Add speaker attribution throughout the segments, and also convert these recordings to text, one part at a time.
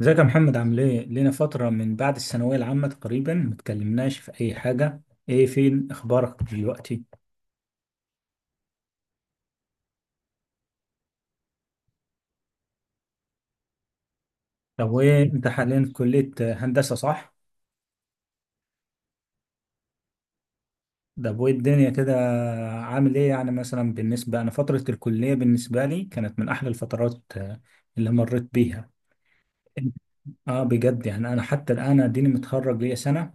Speaker 1: ازيك يا محمد، عامل ايه؟ لينا فترة من بعد الثانوية العامة تقريبا متكلمناش في أي حاجة، ايه، فين أخبارك دلوقتي؟ طب ايه، أنت حاليا في كلية هندسة، صح؟ طب وايه الدنيا كده، عامل ايه يعني؟ مثلا بالنسبة، أنا فترة الكلية بالنسبة لي كانت من أحلى الفترات، اللي مريت بيها. اه، بجد، يعني أنا حتى الآن أديني متخرج ليا سنة،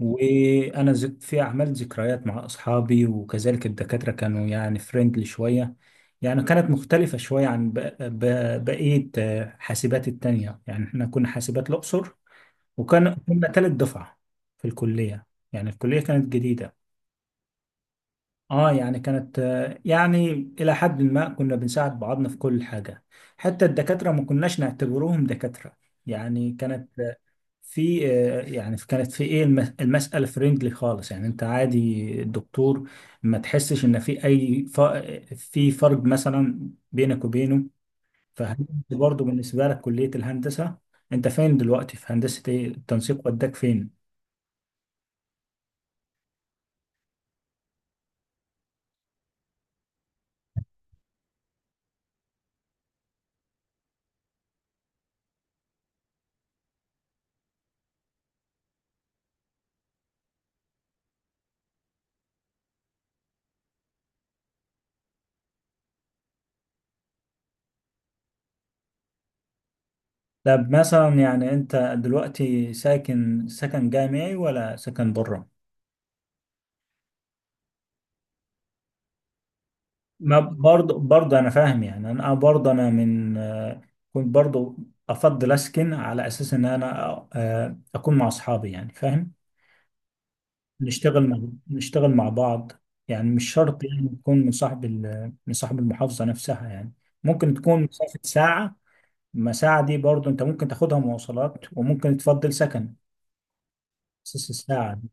Speaker 1: وانا زك في عملت ذكريات مع اصحابي، وكذلك الدكاتره كانوا يعني فريندلي شويه. يعني كانت مختلفه شويه عن بقيه حاسبات التانية. يعني احنا كنا حاسبات الاقصر، وكان كنا تالت دفعه في الكليه. يعني الكليه كانت جديده. اه، يعني كانت، يعني الى حد ما كنا بنساعد بعضنا في كل حاجه. حتى الدكاتره ما كناش نعتبروهم دكاتره. يعني كانت في يعني كانت في ايه، المسألة فريندلي خالص. يعني انت عادي الدكتور ما تحسش ان في اي في فرق مثلا بينك وبينه. فهل انت برضه بالنسبة لك كلية الهندسة، انت فين دلوقتي في هندسة، ايه التنسيق وداك فين؟ طب مثلا يعني انت دلوقتي ساكن سكن جامعي ولا سكن بره؟ ما برضه، برضه انا فاهم. يعني انا برضه، انا من كنت برضه افضل اسكن على اساس ان انا اكون مع اصحابي، يعني فاهم، نشتغل مع نشتغل مع بعض. يعني مش شرط يعني تكون من من صاحب المحافظة نفسها. يعني ممكن تكون مسافة ساعة. ما ساعة دي برضه انت ممكن تاخدها مواصلات، وممكن تفضل سكن اساس الساعة دي.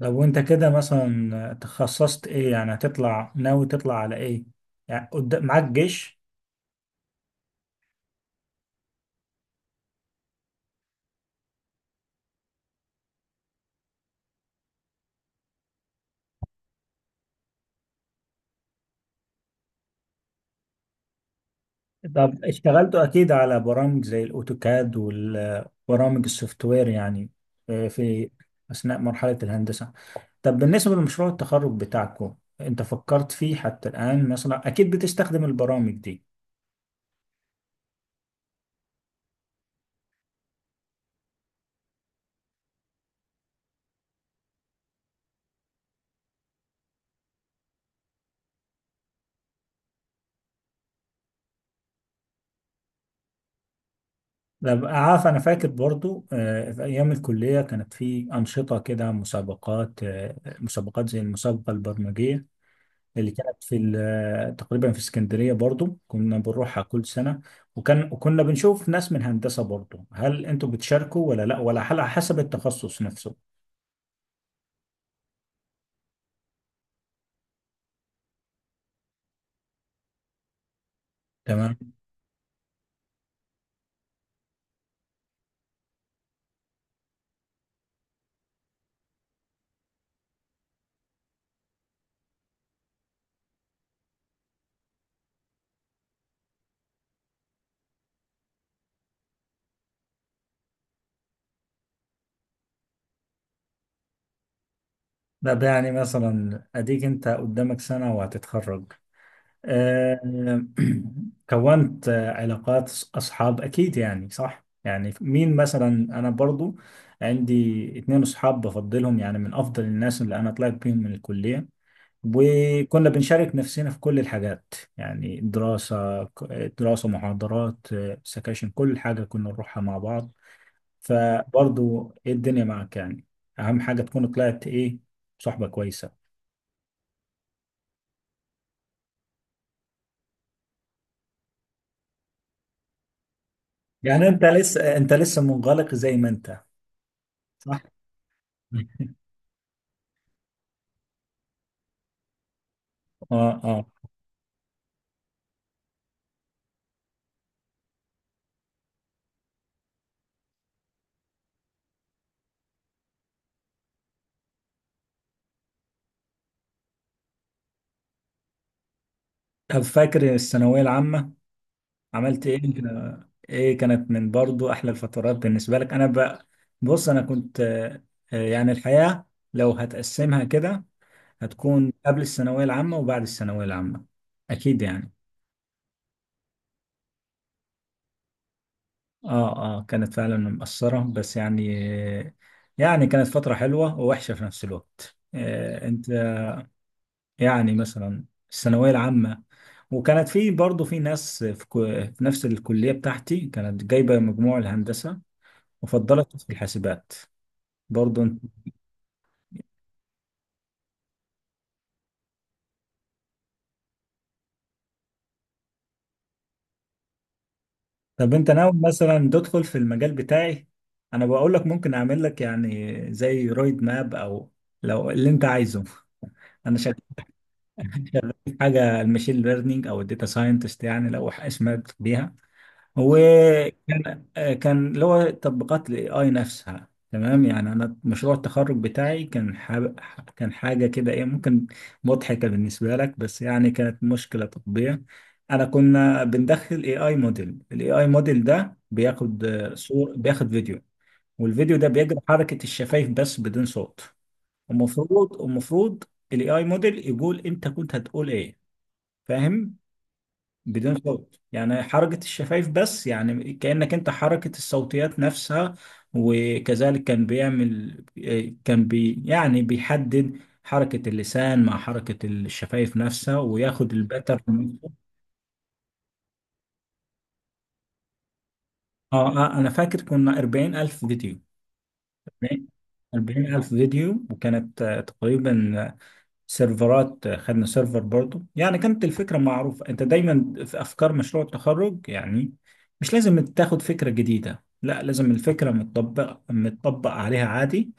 Speaker 1: لو انت كده مثلا تخصصت ايه، يعني هتطلع ناوي تطلع على ايه، يعني قدام معاك جيش؟ طب اشتغلتوا اكيد على برامج زي الاوتوكاد والبرامج السوفت وير، يعني في اثناء مرحله الهندسه. طب بالنسبه لمشروع التخرج بتاعكم، انت فكرت فيه حتى الان مثلا؟ اكيد بتستخدم البرامج دي. طب عارف، انا فاكر برضو في ايام الكليه كانت في انشطه كده، مسابقات، مسابقات زي المسابقه البرمجيه اللي كانت تقريبا في اسكندرية، برضو كنا بنروحها كل سنة. وكنا بنشوف ناس من هندسة برضو. هل انتوا بتشاركوا، ولا لا، ولا على حسب التخصص نفسه؟ تمام. لا ده يعني، مثلا اديك انت قدامك سنة وهتتخرج، آه، كونت علاقات اصحاب اكيد يعني، صح؟ يعني مين مثلا؟ انا برضو عندي اتنين اصحاب بفضلهم، يعني من افضل الناس اللي انا طلعت بيهم من الكلية. وكنا بنشارك نفسنا في كل الحاجات، يعني دراسة، دراسة، محاضرات، سكاشن، كل حاجة كنا نروحها مع بعض. فبرضو إيه الدنيا معك يعني؟ أهم حاجة تكون طلعت إيه، صحبة كويسة. يعني أنت لسه منغلق زي ما أنت، صح؟ آه، آه. طب فاكر الثانوية العامة، عملت إيه؟ إيه، كانت من برضو أحلى الفترات بالنسبة لك. أنا بقى، بص أنا كنت، يعني الحياة لو هتقسمها كده هتكون قبل الثانوية العامة وبعد الثانوية العامة، أكيد يعني. آه، آه، كانت فعلا مأثرة، بس يعني، كانت فترة حلوة ووحشة في نفس الوقت، آه، أنت يعني، مثلا الثانوية العامة. وكانت في برضه في ناس في، في نفس الكلية بتاعتي كانت جايبة مجموع الهندسة وفضلت في الحاسبات، برضه أنت. طب أنت ناوي مثلا تدخل في المجال بتاعي؟ أنا بقول لك ممكن أعمل لك يعني زي رويد ماب، أو لو اللي أنت عايزه، انا شغال في حاجه الماشين ليرنينج او الداتا ساينتست، يعني لو اسمها بيها. وكان كان كان اللي هو تطبيقات الاي اي نفسها، تمام؟ يعني انا مشروع التخرج بتاعي كان كان حاجه كده، ايه، ممكن مضحكه بالنسبه لك، بس يعني كانت مشكله تطبيق. انا كنا بندخل اي اي موديل. الاي اي موديل ده بياخد صور، بياخد فيديو. والفيديو ده بيجري حركه الشفايف بس بدون صوت. المفروض الاي اي موديل يقول انت كنت هتقول ايه، فاهم؟ بدون صوت، يعني حركة الشفايف بس، يعني كأنك انت حركة الصوتيات نفسها. وكذلك كان بيعمل، كان بي يعني بيحدد حركة اللسان مع حركة الشفايف نفسها، وياخد الباترن. اه، انا فاكر كنا 40 ألف فيديو. وكانت تقريبا سيرفرات، خدنا سيرفر برضو. يعني كانت الفكرة معروفة، انت دايما في افكار مشروع التخرج يعني، مش لازم تاخد فكرة جديدة، لا، لازم الفكرة متطبق عليها عادي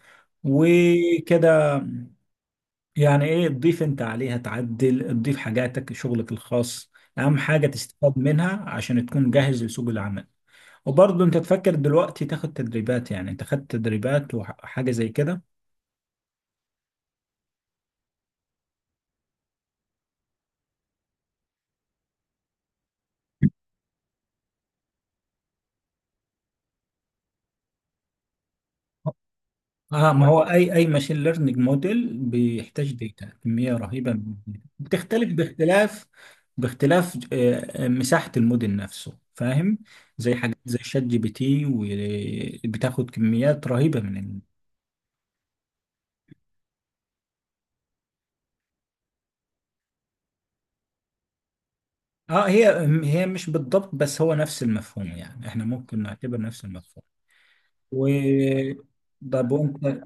Speaker 1: وكده. يعني ايه تضيف انت عليها؟ تعدل، تضيف حاجاتك، شغلك الخاص، اهم حاجة تستفاد منها عشان تكون جاهز لسوق العمل. وبرضه انت تفكر دلوقتي تاخد تدريبات؟ يعني انت خدت تدريبات وحاجة زي كده؟ اه، ما هو اي اي ماشين ليرنينج موديل بيحتاج داتا، كميه رهيبه من الداتا، بتختلف باختلاف مساحه الموديل نفسه، فاهم. زي حاجات زي شات جي بي تي، وبتاخد كميات رهيبه اه، هي مش بالضبط، بس هو نفس المفهوم، يعني احنا ممكن نعتبر نفس المفهوم. و طب وانت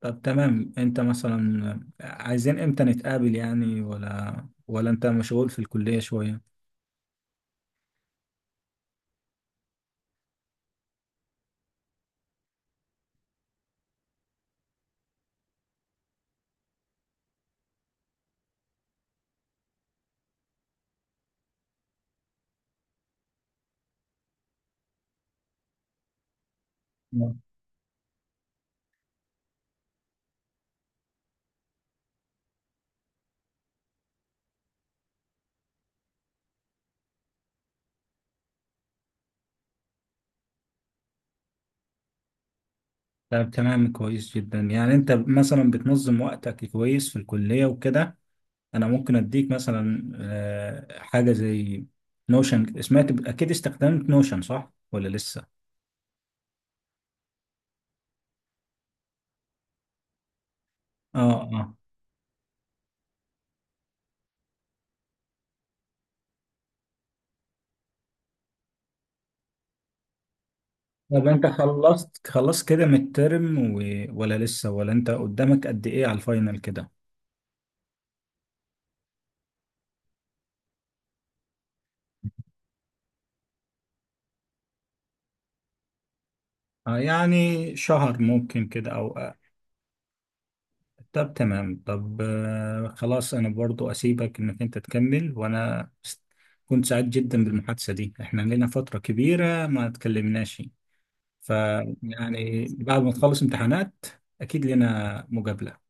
Speaker 1: طب تمام، انت مثلا عايزين امتى نتقابل يعني، ولا انت مشغول في الكليه شويه؟ طب تمام، كويس جدا. يعني انت مثلا بتنظم وقتك كويس في الكلية وكده. انا ممكن اديك مثلا، حاجة زي نوشن. سمعت اكيد استخدمت نوشن، صح ولا لسه؟ اه، اه. طب انت خلصت كده من الترم ولا لسه؟ ولا انت قدامك قد ايه على الفاينل كده؟ آه، يعني شهر ممكن كده او اقل. طب تمام، طب آه، خلاص، انا برضو اسيبك انك انت تكمل، وانا كنت سعيد جدا بالمحادثة دي. احنا لنا فترة كبيرة ما تكلمناش. ف يعني بعد ما تخلص امتحانات اكيد لنا مقابلة.